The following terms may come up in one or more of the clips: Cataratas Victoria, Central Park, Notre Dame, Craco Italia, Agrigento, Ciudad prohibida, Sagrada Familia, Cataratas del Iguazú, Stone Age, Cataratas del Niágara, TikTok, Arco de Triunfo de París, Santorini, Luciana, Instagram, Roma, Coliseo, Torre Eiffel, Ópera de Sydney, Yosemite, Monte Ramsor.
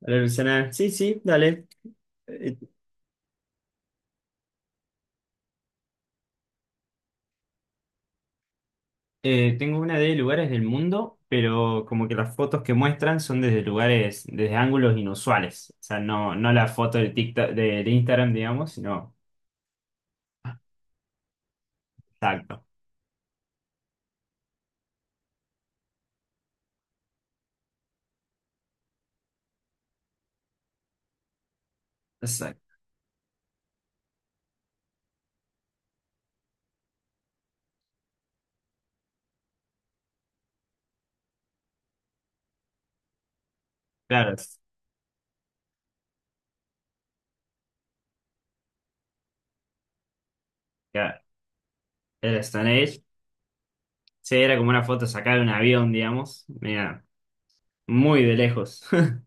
Hola Luciana, sí, sí, dale. Eh, tengo una de lugares del mundo, pero como que las fotos que muestran son desde lugares, desde ángulos inusuales. O sea, no la foto del TikTok, del Instagram, digamos, sino exacto. Exacto. Claro, claro. Era Stone Age. Sí, era como una foto sacada de un avión, digamos. Mira, muy de lejos.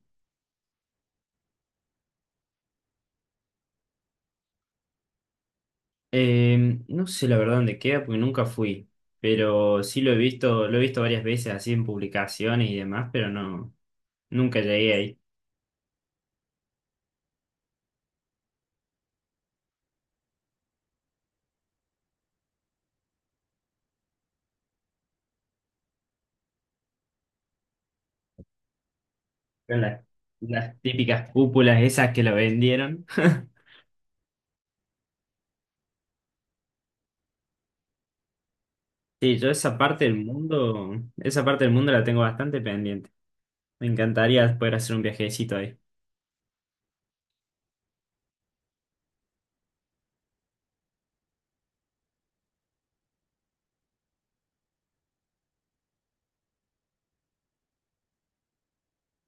No sé la verdad dónde queda porque nunca fui, pero sí lo he visto varias veces así en publicaciones y demás, pero no. Nunca llegué ahí. Eran las típicas cúpulas esas que lo vendieron. Sí, yo esa parte del mundo, esa parte del mundo la tengo bastante pendiente. Me encantaría poder hacer un viajecito ahí.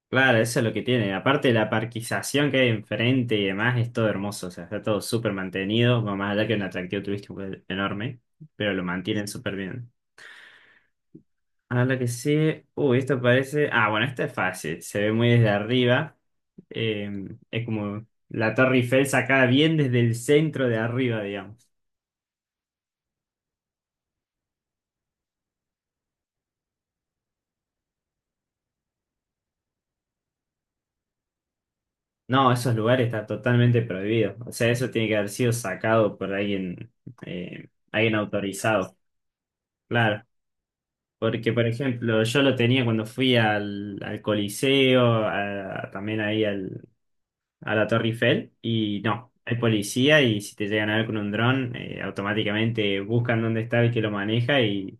Claro, eso es lo que tiene. Aparte de la parquización que hay enfrente y demás, es todo hermoso. O sea, está todo súper mantenido. Más allá que un atractivo turístico pues, enorme, pero lo mantienen súper bien. A la que sigue. Uy, esto parece. Ah, bueno, esta es fácil. Se ve muy desde arriba. Eh, es como la Torre Eiffel sacada bien desde el centro de arriba, digamos. No, esos lugares está totalmente prohibido. O sea, eso tiene que haber sido sacado por alguien, alguien autorizado. Claro. Porque, por ejemplo, yo lo tenía cuando fui al Coliseo, también ahí al a la Torre Eiffel y no, hay policía y si te llegan a ver con un dron, automáticamente buscan dónde está el que lo maneja y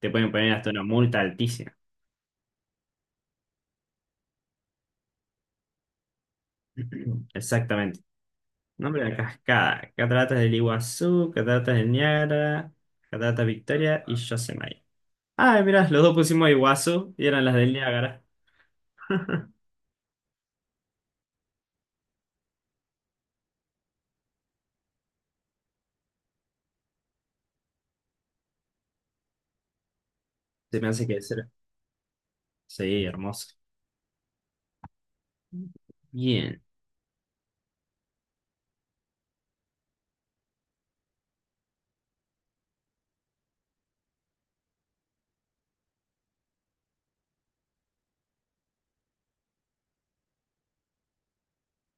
te pueden poner hasta una multa altísima. Exactamente. Nombre de la cascada. Cataratas del Iguazú, Cataratas del Niágara, Cataratas Victoria y Yosemite. Ah, mirá, los dos pusimos Iguazú y eran las del Niágara. Se me hace que será. Sí, hermoso. Bien.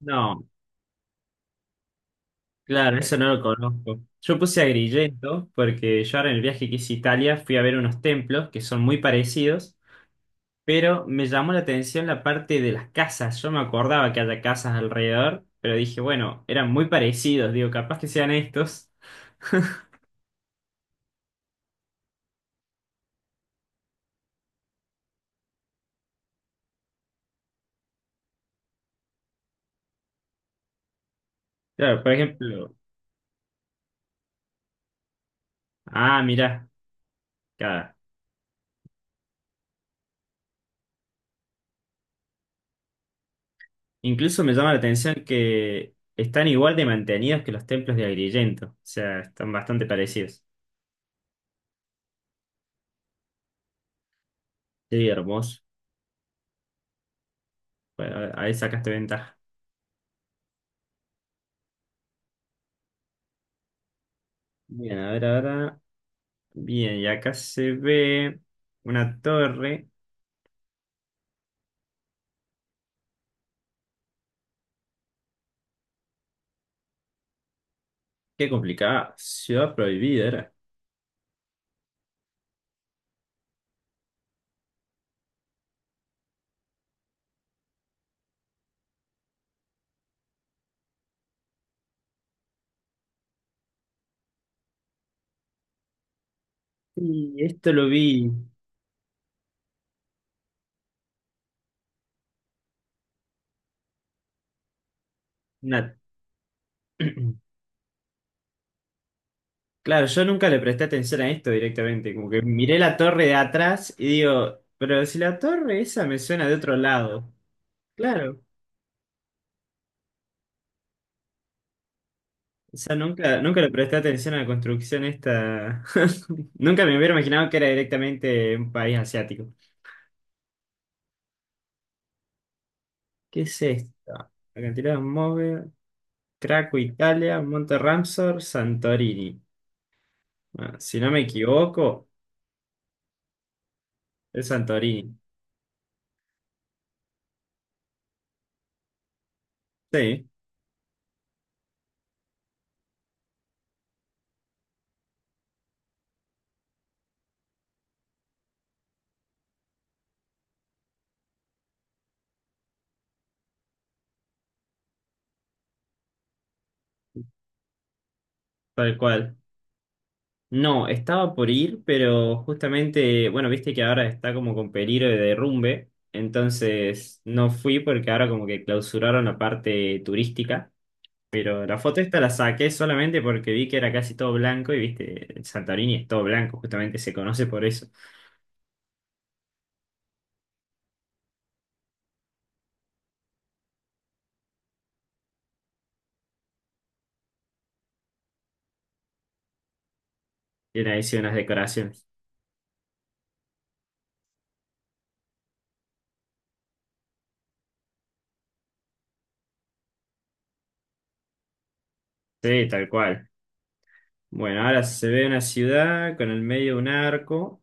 No. Claro, eso no lo conozco. Yo puse a Agrigento porque yo ahora en el viaje que hice a Italia fui a ver unos templos que son muy parecidos, pero me llamó la atención la parte de las casas. Yo me acordaba que haya casas alrededor, pero dije, bueno, eran muy parecidos, digo, capaz que sean estos. Claro, por ejemplo, ah, mirá, claro. Incluso me llama la atención que están igual de mantenidos que los templos de Agrigento, o sea, están bastante parecidos. Sí, hermoso. Bueno, ahí sacaste ventaja. Bien, a ver ahora. Bien, y acá se ve una torre. Qué complicada. Ciudad prohibida era. Y esto lo vi. Una... Claro, yo nunca le presté atención a esto directamente. Como que miré la torre de atrás y digo, pero si la torre esa me suena de otro lado. Claro. O sea, nunca le presté atención a la construcción esta. Nunca me hubiera imaginado que era directamente un país asiático. ¿Qué es esta? Cantidad de móvil, Craco Italia, Monte Ramsor, Santorini. Ah, si no me equivoco, es Santorini. Sí, tal cual. No, estaba por ir, pero justamente, bueno, viste que ahora está como con peligro de derrumbe, entonces no fui porque ahora como que clausuraron la parte turística, pero la foto esta la saqué solamente porque vi que era casi todo blanco y viste, el Santorini es todo blanco, justamente se conoce por eso, tiene ahí sí unas decoraciones. Sí, tal cual. Bueno, ahora se ve una ciudad con el medio de un arco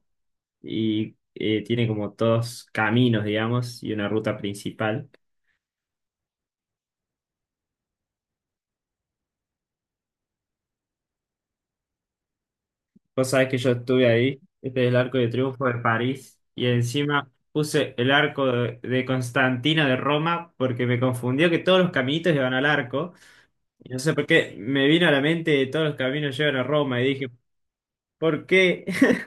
y tiene como dos caminos, digamos, y una ruta principal. Vos sabés que yo estuve ahí, este es el Arco de Triunfo de París, y encima puse el Arco de Constantino de Roma porque me confundió que todos los caminitos llevan al arco. Y no sé por qué me vino a la mente todos los caminos llevan a Roma y dije, ¿por qué?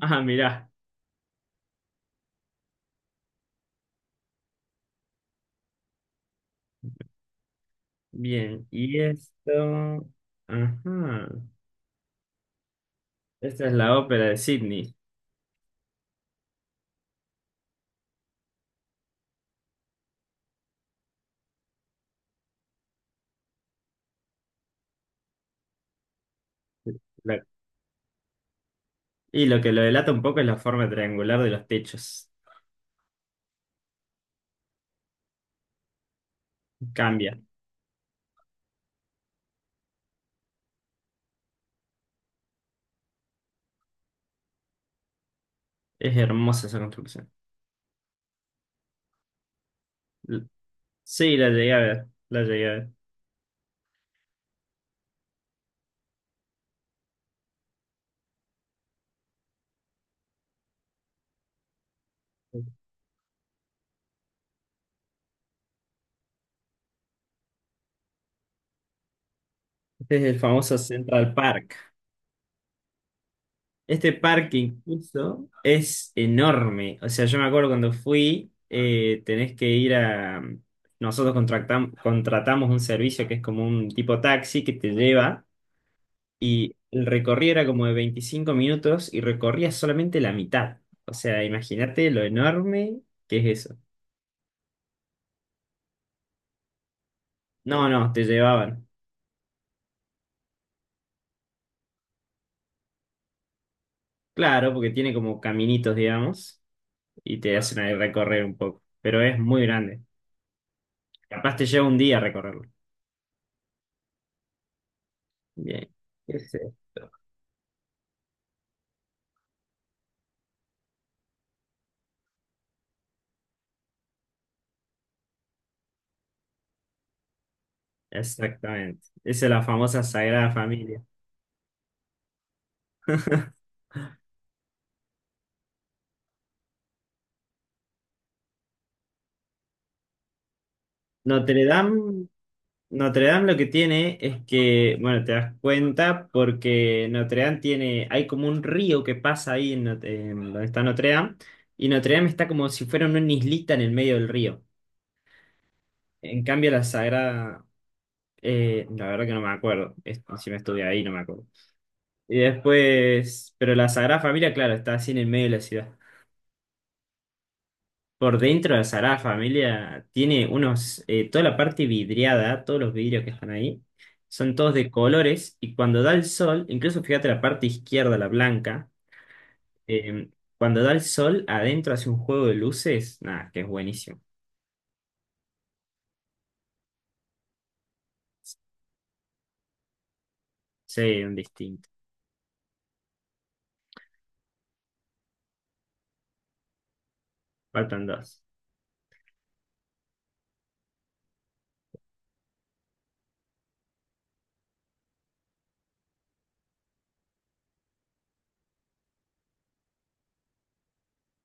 Ah, mirá. Bien, y esto... Ajá. Esta es la ópera de Sydney. La- y lo que lo delata un poco es la forma triangular de los techos. Cambia. Es hermosa esa construcción. L- Sí, la llegué a ver. La llegué a ver. Este es el famoso Central Park. Este parque incluso es enorme. O sea, yo me acuerdo cuando fui, tenés que ir a... Nosotros contratamos un servicio que es como un tipo taxi que te lleva y el recorrido era como de 25 minutos y recorría solamente la mitad. O sea, imagínate lo enorme que es eso. No, no, te llevaban. Claro, porque tiene como caminitos, digamos, y te hacen ahí recorrer un poco, pero es muy grande. Capaz te lleva un día recorrerlo. Bien. Ese, exactamente. Esa es la famosa Sagrada Familia. Notre Dame Notre Dame lo que tiene es que, bueno, te das cuenta porque Notre Dame tiene, hay como un río que pasa ahí en, en donde está Notre Dame, y Notre Dame está como si fuera una islita en el medio del río. En cambio, la Sagrada, la verdad que no me acuerdo, si me estudié ahí no me acuerdo. Y después, pero la Sagrada Familia, claro, está así en el medio de la ciudad. Por dentro de Sagrada Familia tiene unos, toda la parte vidriada, todos los vidrios que están ahí, son todos de colores y cuando da el sol, incluso fíjate la parte izquierda, la blanca, eh, cuando da el sol adentro hace un juego de luces, nada, que es buenísimo. Sí, un distinto. Faltan dos.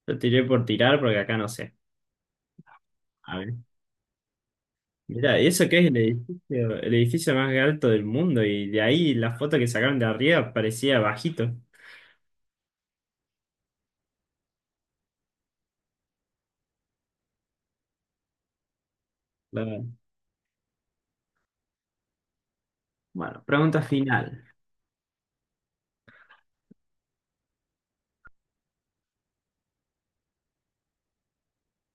Yo tiré por tirar porque acá no sé. A ver. Mirá, y eso que es el edificio más alto del mundo y de ahí la foto que sacaron de arriba parecía bajito. Claro. Bueno, pregunta final.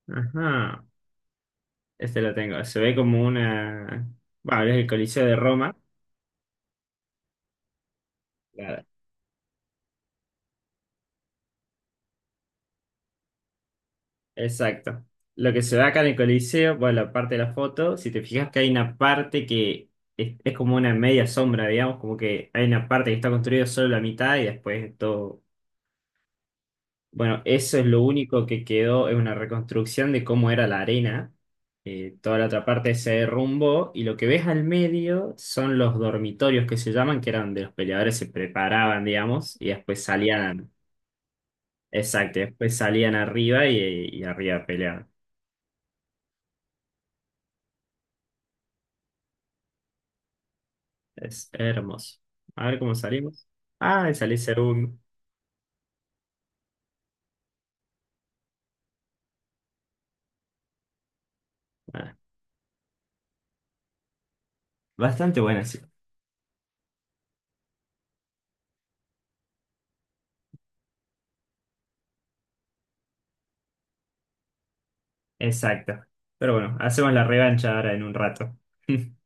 Ajá. Este lo tengo. Se ve como una. Bueno, es el Coliseo de Roma. Claro. Exacto. Lo que se ve acá en el Coliseo, bueno, la parte de la foto, si te fijas que hay una parte que es como una media sombra, digamos, como que hay una parte que está construida solo la mitad y después todo. Bueno, eso es lo único que quedó, es una reconstrucción de cómo era la arena. Toda la otra parte se derrumbó y lo que ves al medio son los dormitorios que se llaman, que eran donde los peleadores se preparaban, digamos, y después salían Exacto, y después salían arriba y arriba peleaban. Es hermoso. A ver cómo salimos. Ah, y salí segundo. Ah, bastante buena, sí. Exacto. Pero bueno, hacemos la revancha ahora en un rato.